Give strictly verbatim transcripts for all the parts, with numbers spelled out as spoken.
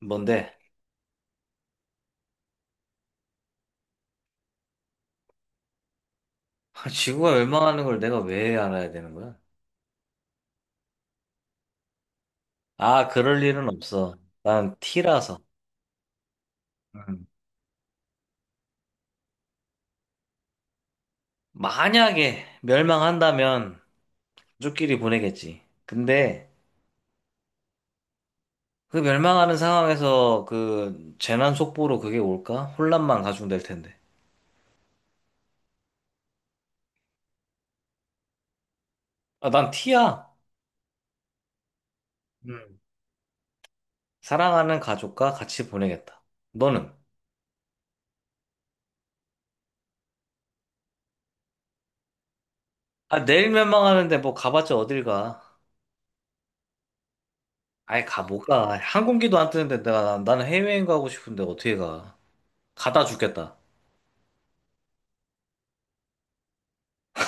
뭔데? 아, 지구가 멸망하는 걸 내가 왜 알아야 되는 거야? 아, 그럴 일은 없어. 난 T라서. 음. 만약에 멸망한다면 가족끼리 보내겠지. 근데 그 멸망하는 상황에서 그 재난 속보로 그게 올까? 혼란만 가중될 텐데. 아, 난 T야. 음. 사랑하는 가족과 같이 보내겠다. 너는? 아, 내일 멸망하는데 뭐 가봤자 어딜 가? 아예 가, 못 가. 항공기도 안 뜨는데 내가, 나는 해외여행 가고 싶은데 어떻게 가? 가다 죽겠다.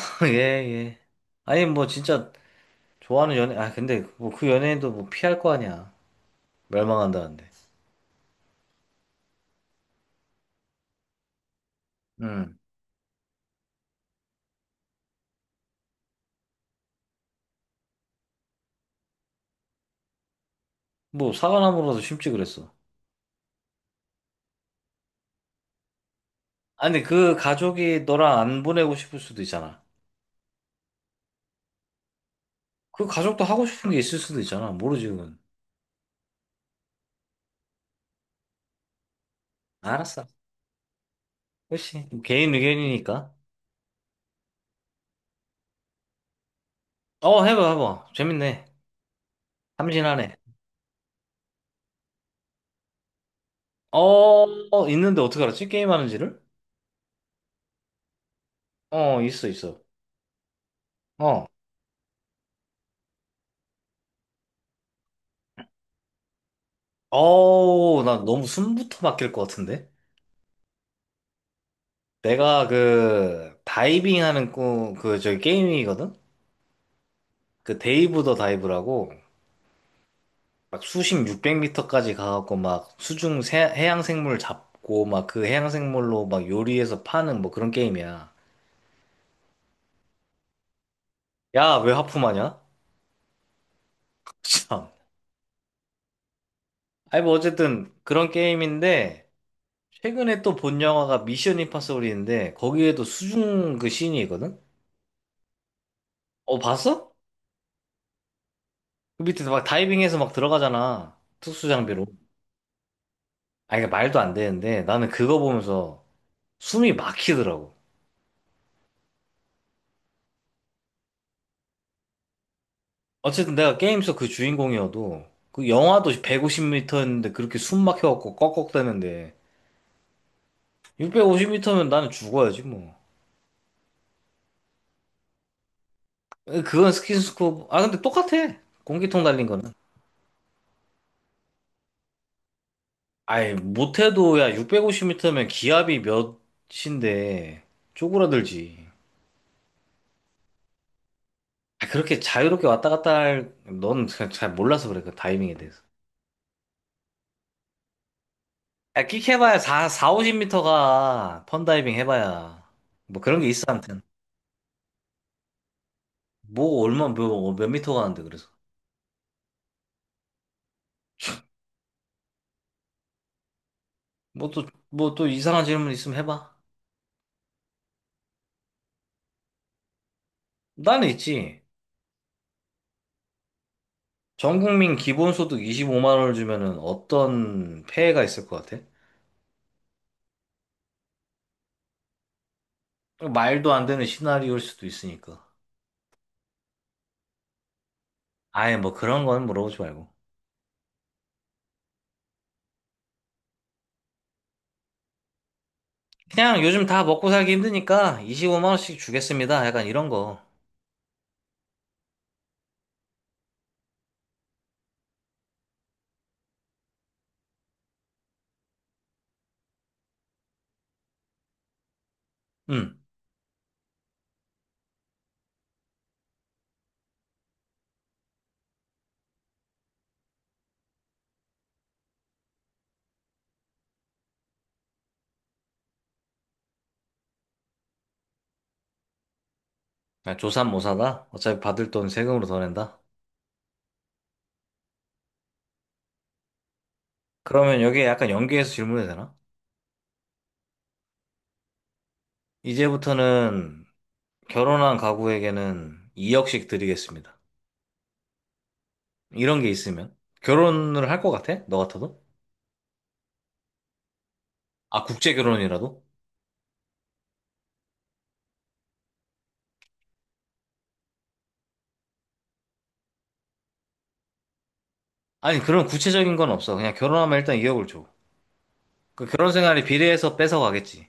예, 예. 아니, 뭐, 진짜, 좋아하는 연예, 아, 근데, 뭐, 그 연예인도 뭐, 피할 거 아니야. 멸망한다는데. 음. 뭐, 사과나무라도 심지 그랬어. 아니, 그 가족이 너랑 안 보내고 싶을 수도 있잖아. 그 가족도 하고 싶은 게 있을 수도 있잖아. 모르지, 그건. 알았어. 그치. 개인 의견이니까. 어, 해봐, 해봐. 재밌네. 참신하네. 어, 어, 있는데 어떻게 알았지? 게임하는지를? 어, 있어, 있어. 어. 어우, 나 너무 숨부터 막힐 것 같은데? 내가 그 다이빙 하는 꿈, 그 저기 게임이거든? 그 데이브 더 다이브라고 막 수심 육백 미터까지 가갖고 막 수중 새- 해양 생물 잡고 막 그 해양 생물로 막 요리해서 파는 뭐 그런 게임이야. 야, 왜 하품하냐? 참. 아니 뭐 어쨌든 그런 게임인데 최근에 또 본 영화가 미션 임파서블인데 거기에도 수중 그 씬이 있거든? 어, 봤어? 그 밑에 막 다이빙해서 막 들어가잖아. 특수 장비로. 아니, 그 말도 안 되는데 나는 그거 보면서 숨이 막히더라고. 어쨌든 내가 게임 속 그 주인공이어도 그 영하도 백오십 미터였는데 그렇게 숨 막혀갖고 꺽꺽대는데 육백오십 미터면 나는 죽어야지 뭐. 그건 스킨스쿠버. 아 근데 똑같아. 공기통 달린 거는. 아이 못해도 야 육백오십 미터면 기압이 몇인데 쪼그라들지. 아, 그렇게 자유롭게 왔다 갔다 할, 넌 잘 몰라서 그래, 그 다이빙에 대해서. 아, 끽 해봐야 사, 사, 오십 미터가 펀다이빙 해봐야. 뭐 그런 게 있어, 아무튼. 뭐 얼마 몇, 어, 몇 미터 가는데 그래서 뭐 또 뭐 또 이상한 질문 있으면 해봐 나는 있지 전 국민 기본소득 이십오만 원을 주면은 어떤 폐해가 있을 것 같아? 말도 안 되는 시나리오일 수도 있으니까 아예 뭐 그런 건 물어보지 말고 그냥 요즘 다 먹고 살기 힘드니까 이십오만 원씩 주겠습니다 약간 이런 거 응. 아, 조삼모사다 어차피 받을 돈 세금으로 더 낸다 그러면 여기에 약간 연계해서 질문해도 되나? 이제부터는 결혼한 가구에게는 이 억씩 드리겠습니다 이런 게 있으면 결혼을 할 것 같아? 너 같아도? 아, 국제 결혼이라도? 아니, 그런 구체적인 건 없어. 그냥 결혼하면 일단 이 억을 줘. 그 결혼 생활에 비례해서 뺏어가겠지.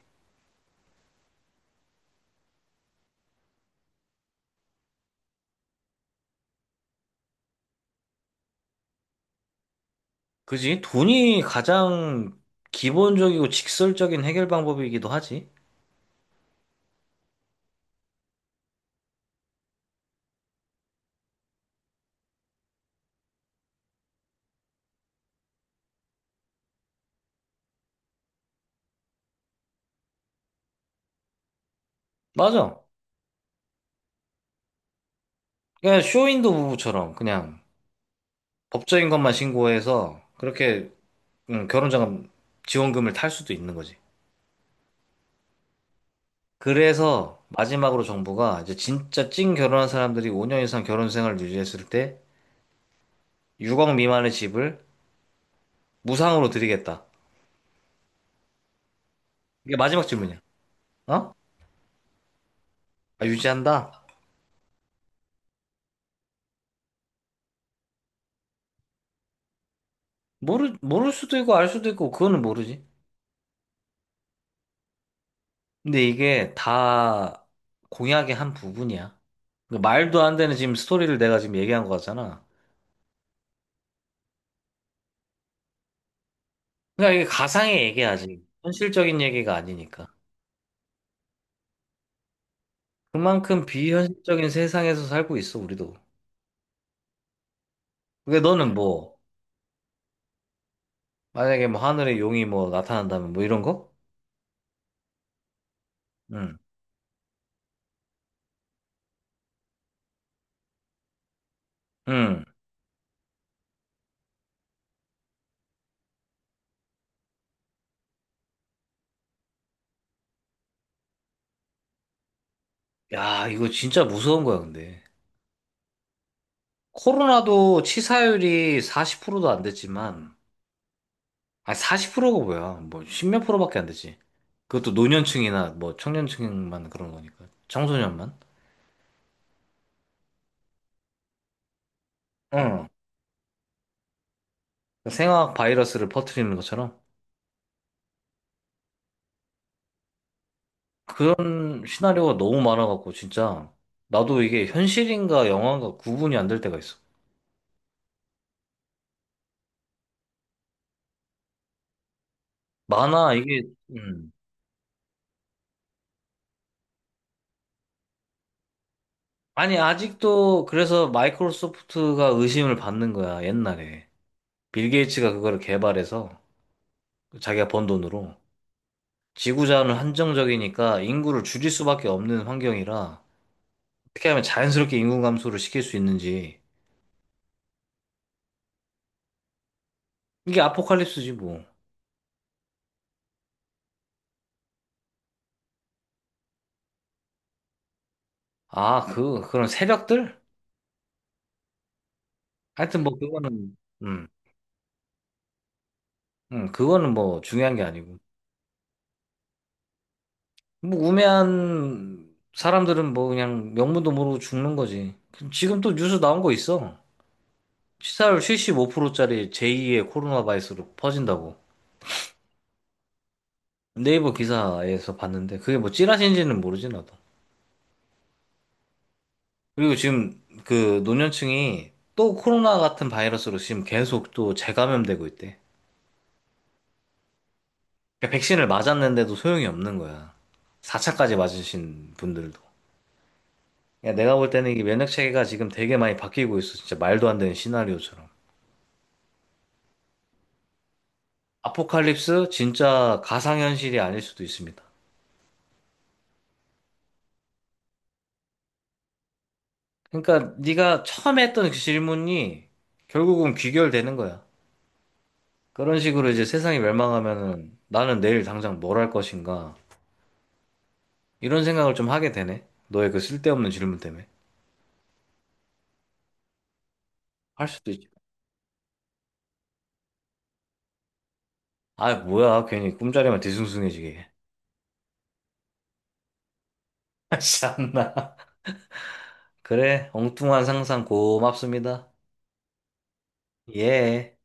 그지? 돈이 가장 기본적이고 직설적인 해결 방법이기도 하지. 맞아. 그냥 쇼윈도 부부처럼 그냥 법적인 것만 신고해서 그렇게 음, 결혼자금 지원금을 탈 수도 있는 거지. 그래서 마지막으로 정부가 이제 진짜 찐 결혼한 사람들이 오 년 이상 결혼 생활을 유지했을 때 육 억 미만의 집을 무상으로 드리겠다. 이게 마지막 질문이야. 어? 아, 유지한다? 모르, 모를 수도 있고 알 수도 있고 그거는 모르지. 근데 이게 다 공약의 한 부분이야. 그러니까 말도 안 되는 지금 스토리를 내가 지금 얘기한 거 같잖아. 그러니까 이게 가상의 얘기야지 현실적인 얘기가 아니니까. 그만큼 비현실적인 세상에서 살고 있어, 우리도. 근데 너는 뭐, 만약에 뭐 하늘에 용이 뭐 나타난다면 뭐 이런 거? 응. 응. 야, 이거 진짜 무서운 거야, 근데. 코로나도 치사율이 사십 프로도 안 됐지만, 아니, 사십 프로가 뭐야. 뭐, 십몇 프로밖에 안 되지. 그것도 노년층이나 뭐, 청년층만 그런 거니까. 청소년만. 응. 생화학 바이러스를 퍼뜨리는 것처럼. 그런 시나리오가 너무 많아갖고, 진짜. 나도 이게 현실인가 영화인가 구분이 안 될 때가 있어. 많아, 이게, 음. 아니, 아직도 그래서 마이크로소프트가 의심을 받는 거야, 옛날에. 빌 게이츠가 그거를 개발해서 자기가 번 돈으로. 지구자원은 한정적이니까 인구를 줄일 수밖에 없는 환경이라 어떻게 하면 자연스럽게 인구 감소를 시킬 수 있는지 이게 아포칼립스지 뭐. 아, 그 그런 새벽들? 하여튼 뭐 그거는 음, 음 그거는 뭐 중요한 게 아니고 뭐 우매한 사람들은 뭐 그냥 명문도 모르고 죽는 거지. 지금 또 뉴스 나온 거 있어. 치사율 칠십오 프로짜리 제이의 코로나 바이러스로 퍼진다고. 네이버 기사에서 봤는데 그게 뭐 찌라시인지는 모르지 나도. 그리고 지금 그 노년층이 또 코로나 같은 바이러스로 지금 계속 또 재감염되고 있대. 그러니까 백신을 맞았는데도 소용이 없는 거야. 사 차까지 맞으신 분들도. 야, 내가 볼 때는 이게 면역 체계가 지금 되게 많이 바뀌고 있어. 진짜 말도 안 되는 시나리오처럼. 아포칼립스 진짜 가상현실이 아닐 수도 있습니다. 그러니까 네가 처음에 했던 그 질문이 결국은 귀결되는 거야. 그런 식으로 이제 세상이 멸망하면은 나는 내일 당장 뭘 할 것인가? 이런 생각을 좀 하게 되네. 너의 그 쓸데없는 질문 때문에. 할 수도 있지. 아, 뭐야. 괜히 꿈자리만 뒤숭숭해지게. 참나. 그래, 엉뚱한 상상 고맙습니다. 예.